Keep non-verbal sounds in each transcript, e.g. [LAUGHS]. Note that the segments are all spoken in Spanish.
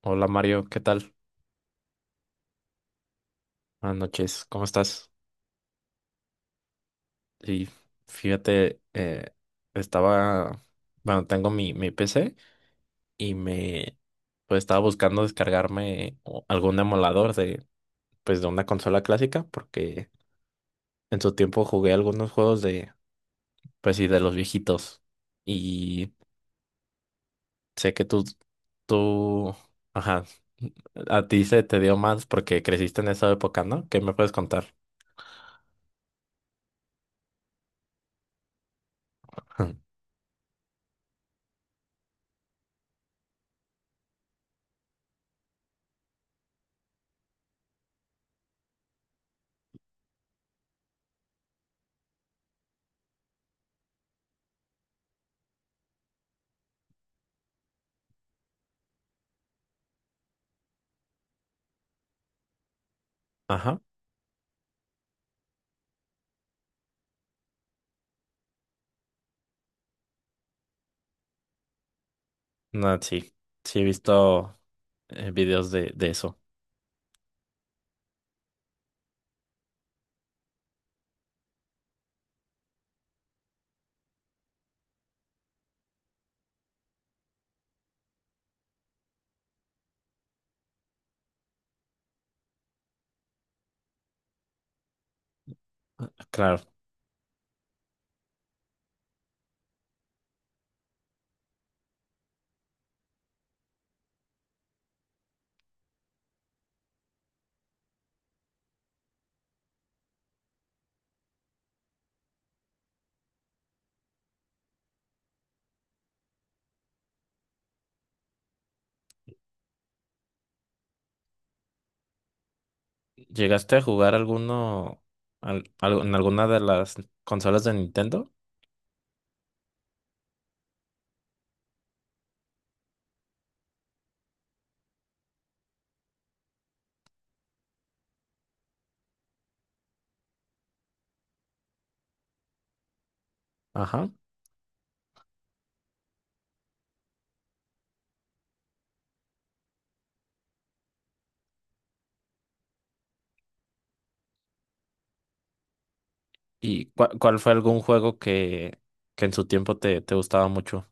Hola Mario, ¿qué tal? Buenas noches, ¿cómo estás? Y fíjate, eh, Estaba, bueno, tengo mi PC y me, pues estaba buscando descargarme algún emulador de, pues de una consola clásica porque en su tiempo jugué algunos juegos de, pues sí, de los viejitos y sé que tú, ajá, a ti se te dio más porque creciste en esa época, ¿no? ¿Qué me puedes contar? [LAUGHS] Ajá. No, sí, sí he visto videos de eso. Claro, ¿llegaste a jugar alguno en alguna de las consolas de Nintendo? Ajá. ¿Y cuál fue algún juego que en su tiempo te gustaba mucho?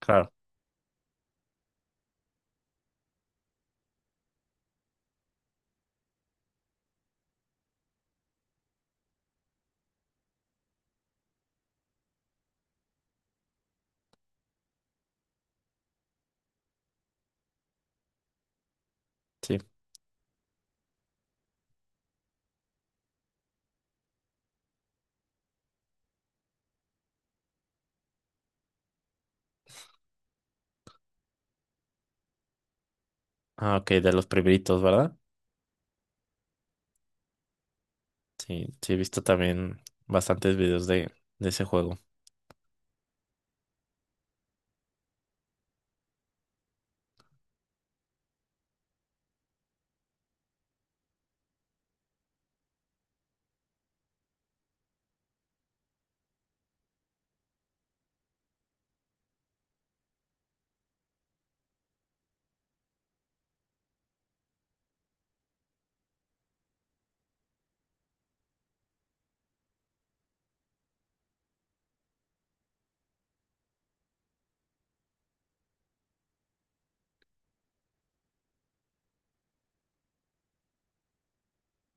Claro, sí. Ah, ok, de los primeritos, ¿verdad? Sí, sí he visto también bastantes videos de ese juego.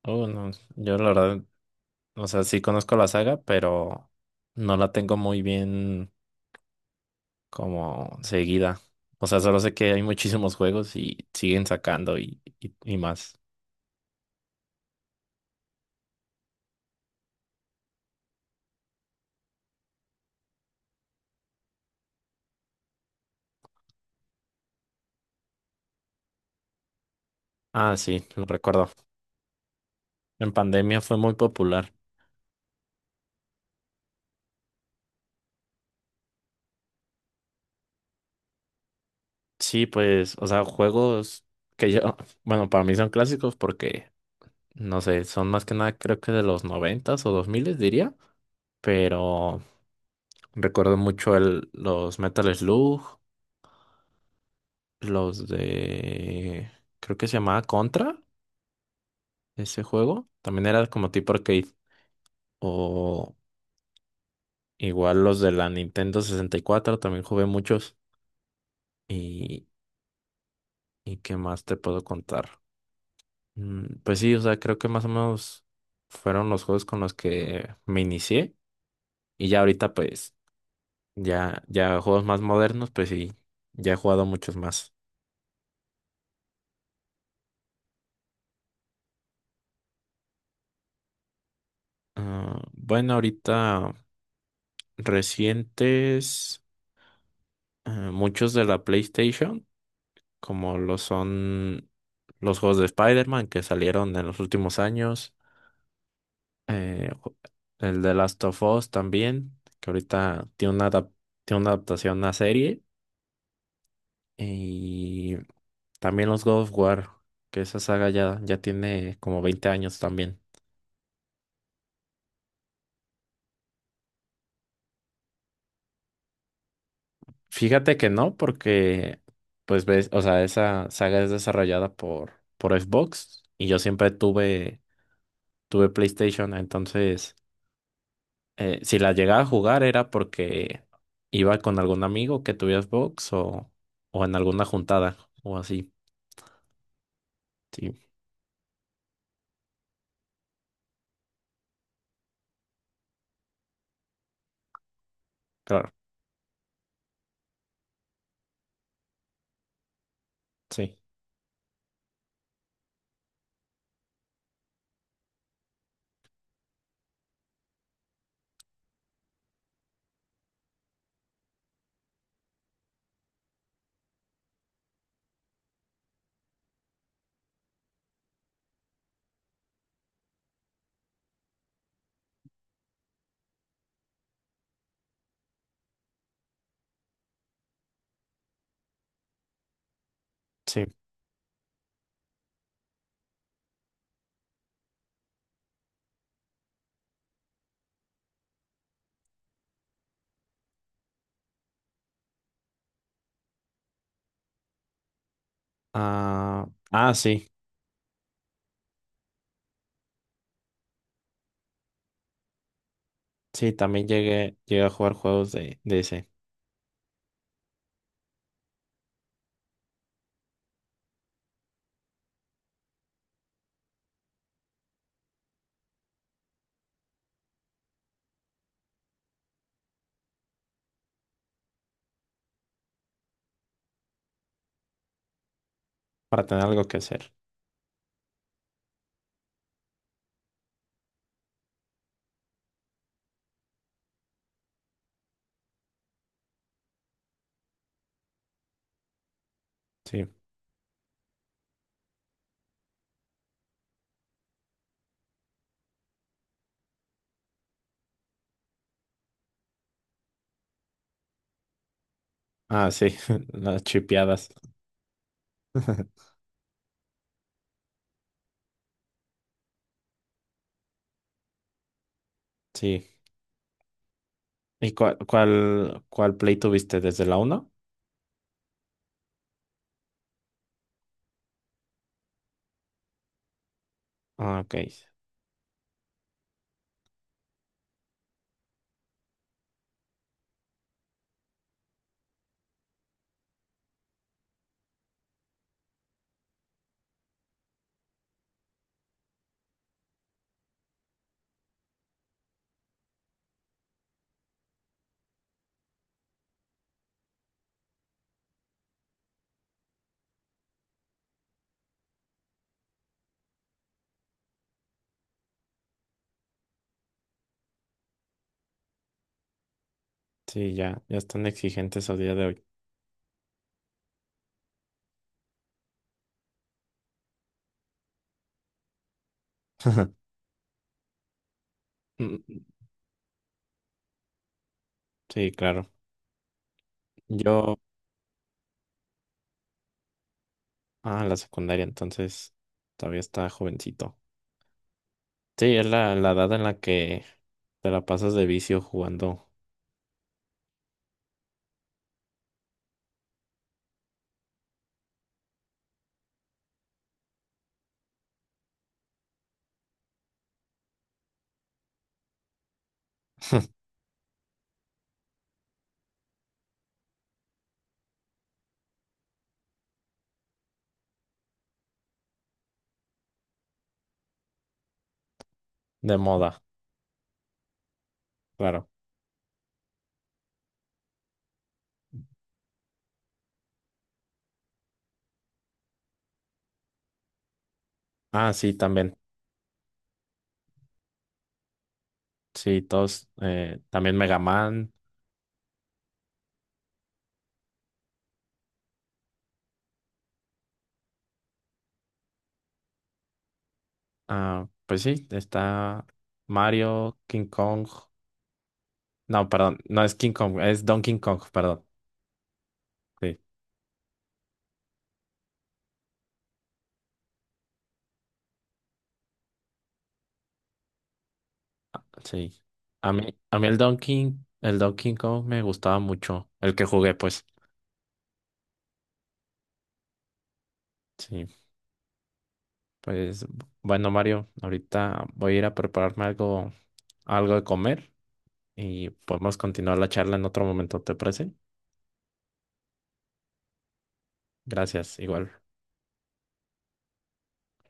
Oh, no, yo la verdad, o sea, sí conozco la saga, pero no la tengo muy bien como seguida. O sea, solo sé que hay muchísimos juegos y siguen sacando y más. Ah, sí, lo recuerdo. En pandemia fue muy popular. Sí, pues, o sea, juegos que yo, [LAUGHS] bueno, para mí son clásicos porque, no sé, son más que nada creo que de los noventas o dos miles diría, pero recuerdo mucho los Metal Slug, los de, creo que se llamaba Contra, ese juego, también era como tipo arcade. O igual los de la Nintendo 64 también jugué muchos. ¿Y, qué más te puedo contar? Pues sí, o sea, creo que más o menos fueron los juegos con los que me inicié. Y ya ahorita, pues, ya juegos más modernos, pues sí, ya he jugado muchos más. Ah, bueno, ahorita recientes, ah, muchos de la PlayStation, como lo son los juegos de Spider-Man que salieron en los últimos años. eh, ju- el de Last of Us también, que ahorita tiene tiene una adaptación a serie. Y también los God of War, que esa saga ya tiene como 20 años también. Fíjate que no, porque, pues ves, o sea, esa saga es desarrollada por Xbox y yo siempre tuve PlayStation, entonces, si la llegaba a jugar era porque iba con algún amigo que tuviera Xbox o en alguna juntada o así. Sí, claro, sí, sí. Ah, ah, sí, sí, también llegué a jugar juegos de ese, para tener algo que hacer. Sí. Ah, sí, [LAUGHS] las chipeadas. [LAUGHS] Sí. ¿Y cuál play tuviste? ¿Desde la uno Ah, ok. Sí, ya, ya están exigentes a día de hoy. Mm, Sí, claro. Yo, ah, la secundaria, entonces todavía está jovencito. Sí, es la edad en la que te la pasas de vicio jugando [LAUGHS] de moda, claro. Ah, sí, también. Sí, todos. Eh, también Mega Man. Ah, pues sí, está Mario, King Kong. No, perdón, no es King Kong, es Donkey Kong, perdón. Sí, ah, sí. A mí el el Donkey Kong me gustaba mucho, el que jugué, pues. Sí, pues bueno, Mario, ahorita voy a ir a prepararme algo, algo de comer y podemos continuar la charla en otro momento, ¿te parece? Gracias, igual.